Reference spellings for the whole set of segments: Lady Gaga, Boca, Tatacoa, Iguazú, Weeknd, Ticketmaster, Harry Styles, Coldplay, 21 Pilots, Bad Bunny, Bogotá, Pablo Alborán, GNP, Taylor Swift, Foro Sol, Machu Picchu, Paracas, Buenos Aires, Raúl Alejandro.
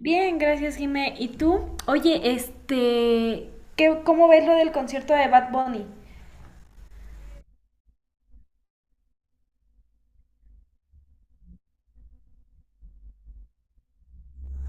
Bien, gracias, Jimé. ¿Y tú? Oye, ¿cómo ves lo del concierto de Bad Bunny?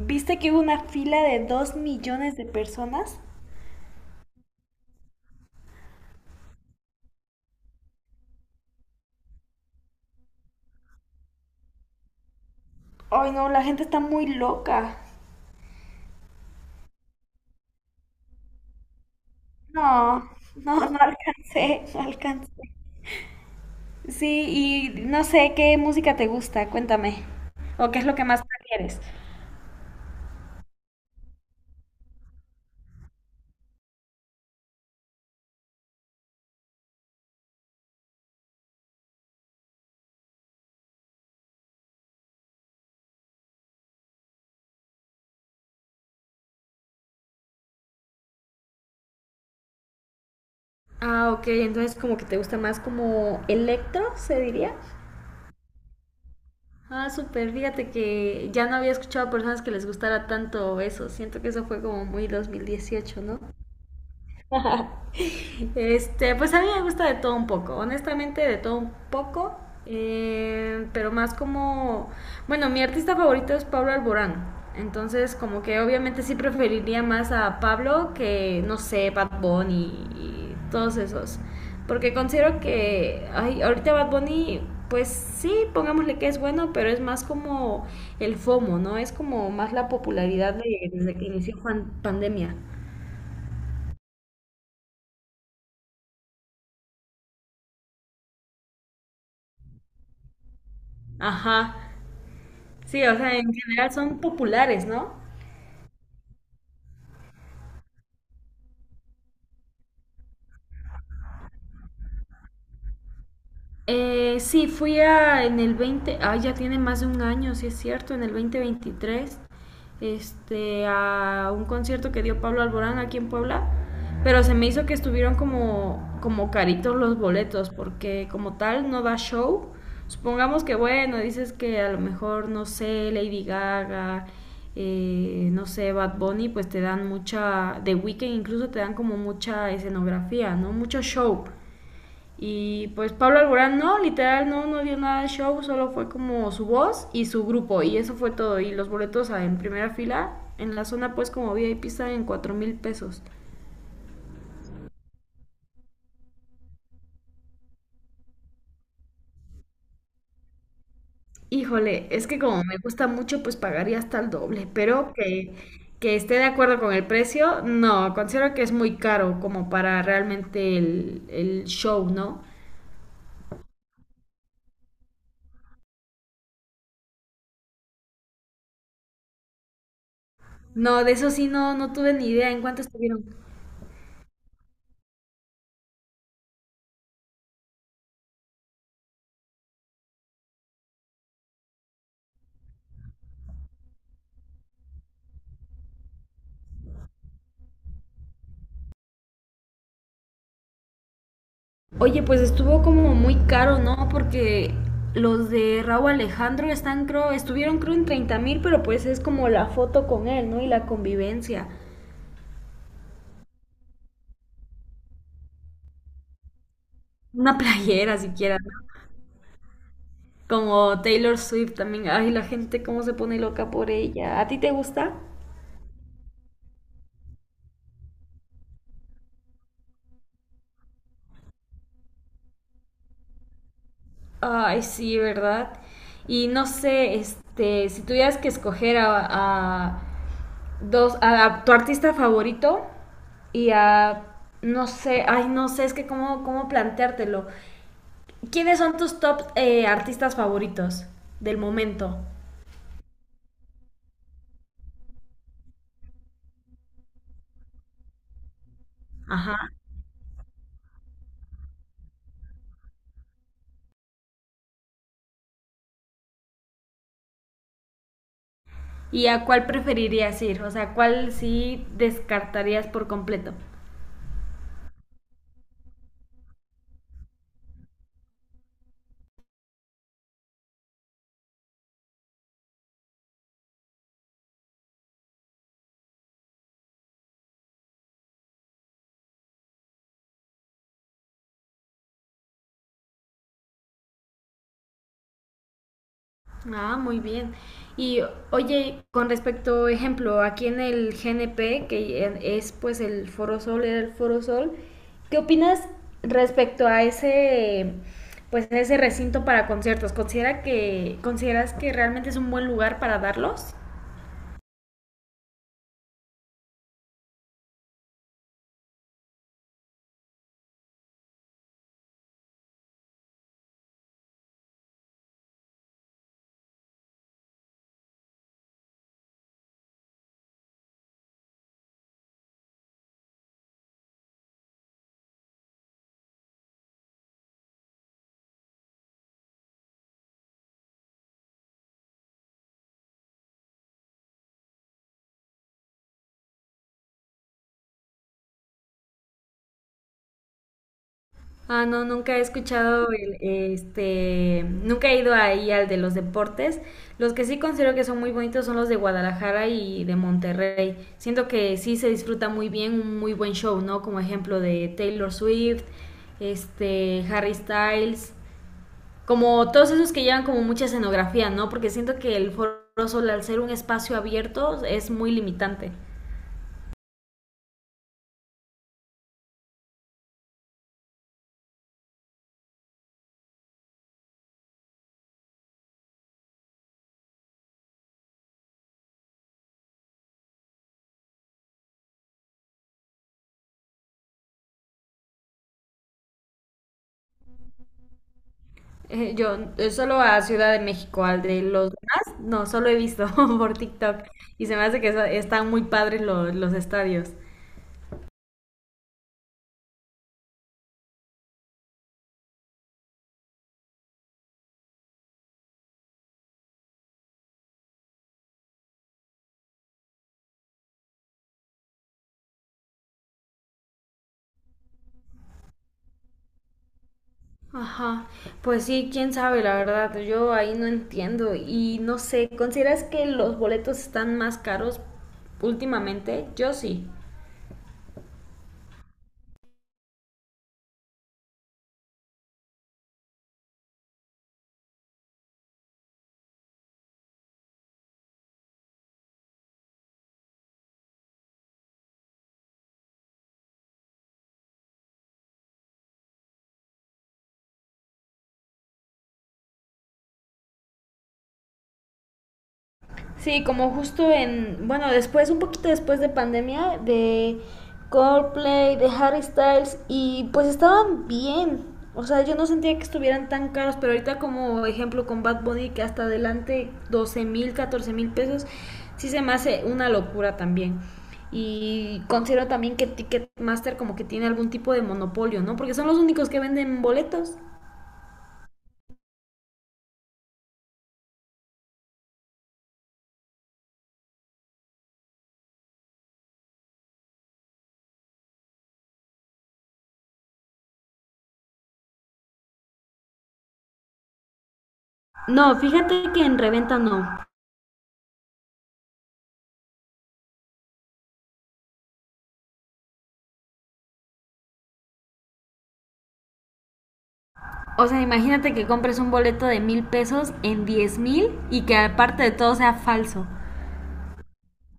¿Viste que hubo una fila de 2 millones de personas? Ay, no, la gente está muy loca. No, no, no alcancé, no alcancé. Sí, y no sé qué música te gusta, cuéntame. ¿O qué es lo que más prefieres? Ah, ok, entonces como que te gusta más como electro, se diría. Ah, súper, fíjate que ya no había escuchado a personas que les gustara tanto eso. Siento que eso fue como muy 2018, ¿no? Pues a mí me gusta de todo un poco, honestamente de todo un poco, pero más como, bueno, mi artista favorito es Pablo Alborán, entonces como que obviamente sí preferiría más a Pablo que, no sé, Bad Bunny y todos esos, porque considero que, ay, ahorita Bad Bunny, pues sí, pongámosle que es bueno, pero es más como el FOMO, ¿no? Es como más la popularidad de, desde que inició pandemia. Ajá, sí, o sea, en general son populares, ¿no? Sí, fui a, en el 20, ah, ya tiene más de un año, sí es cierto, en el 2023, a un concierto que dio Pablo Alborán aquí en Puebla, pero se me hizo que estuvieron como, como caritos los boletos, porque como tal no da show. Supongamos que, bueno, dices que a lo mejor, no sé, Lady Gaga, no sé, Bad Bunny, pues te dan mucha, de Weeknd incluso te dan como mucha escenografía, ¿no? Mucho show. Y pues Pablo Alborán no, literal no, no dio nada de show, solo fue como su voz y su grupo y eso fue todo. Y los boletos ah, en primera fila, en la zona pues como VIP estaban en 4,000 pesos. Híjole, es que como me gusta mucho pues pagaría hasta el doble, pero que esté de acuerdo con el precio, no, considero que es muy caro como para realmente el show, ¿no? No, de eso sí no, no tuve ni idea en cuánto estuvieron. Oye, pues estuvo como muy caro, ¿no? Porque los de Raúl Alejandro están, creo, estuvieron, creo, en 30 mil, pero pues es como la foto con él, ¿no? Y la convivencia. Una playera siquiera, ¿no? Como Taylor Swift también. Ay, la gente cómo se pone loca por ella. ¿A ti te gusta? Ay, sí, ¿verdad? Y no sé, si tuvieras que escoger a dos, a tu artista favorito y a, no sé, ay, no sé, es que cómo planteártelo. ¿Quiénes son tus top artistas favoritos del momento? Ajá. ¿Y a cuál preferirías ir? O sea, ¿cuál sí descartarías por completo? Ah, muy bien. Y oye, con respecto, ejemplo, aquí en el GNP, que es pues el Foro Sol, era el Foro Sol, ¿qué opinas respecto a ese, pues a ese recinto para conciertos? ¿Considera que, consideras que realmente es un buen lugar para darlos? Ah, no, nunca he escuchado nunca he ido ahí al de los deportes. Los que sí considero que son muy bonitos son los de Guadalajara y de Monterrey. Siento que sí se disfruta muy bien, un muy buen show, ¿no? Como ejemplo de Taylor Swift, Harry Styles, como todos esos que llevan como mucha escenografía, ¿no? Porque siento que el Foro Sol al ser un espacio abierto es muy limitante. Yo solo a Ciudad de México, al de los demás, no, solo he visto por TikTok y se me hace que están muy padres los estadios. Ajá, pues sí, quién sabe, la verdad, yo ahí no entiendo y no sé, ¿consideras que los boletos están más caros últimamente? Yo sí. Sí, como justo en, bueno, después, un poquito después de pandemia, de Coldplay, de Harry Styles, y pues estaban bien. O sea, yo no sentía que estuvieran tan caros, pero ahorita como ejemplo con Bad Bunny, que hasta adelante 12,000, 14,000 pesos, sí se me hace una locura también. Y considero también que Ticketmaster como que tiene algún tipo de monopolio, ¿no? Porque son los únicos que venden boletos. No, fíjate que en reventa no. O sea, imagínate que compres un boleto de 1,000 pesos en 10,000 y que aparte de todo sea falso.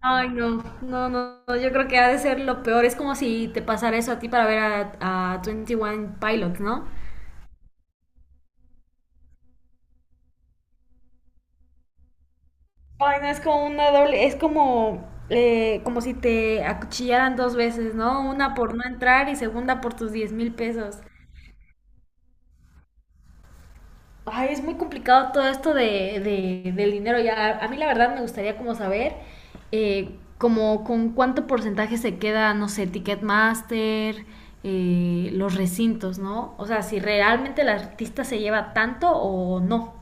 Ay, no, no, no, no, yo creo que ha de ser lo peor. Es como si te pasara eso a ti para ver a 21 Pilots, ¿no? Ay, no, es como una doble, es como, como si te acuchillaran dos veces, ¿no? Una por no entrar y segunda por tus 10,000 pesos. Ay, es muy complicado todo esto de, del dinero. Ya, a mí la verdad me gustaría como saber eh, como con cuánto porcentaje se queda, no sé, Ticketmaster, los recintos, ¿no? O sea, si realmente el artista se lleva tanto o no.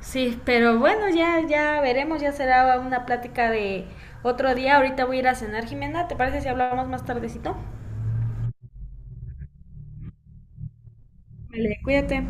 Sí, pero bueno, ya, ya veremos, ya será una plática de otro día. Ahorita voy a ir a cenar, Jimena. ¿Te parece si hablamos más tardecito? Vale, cuídate.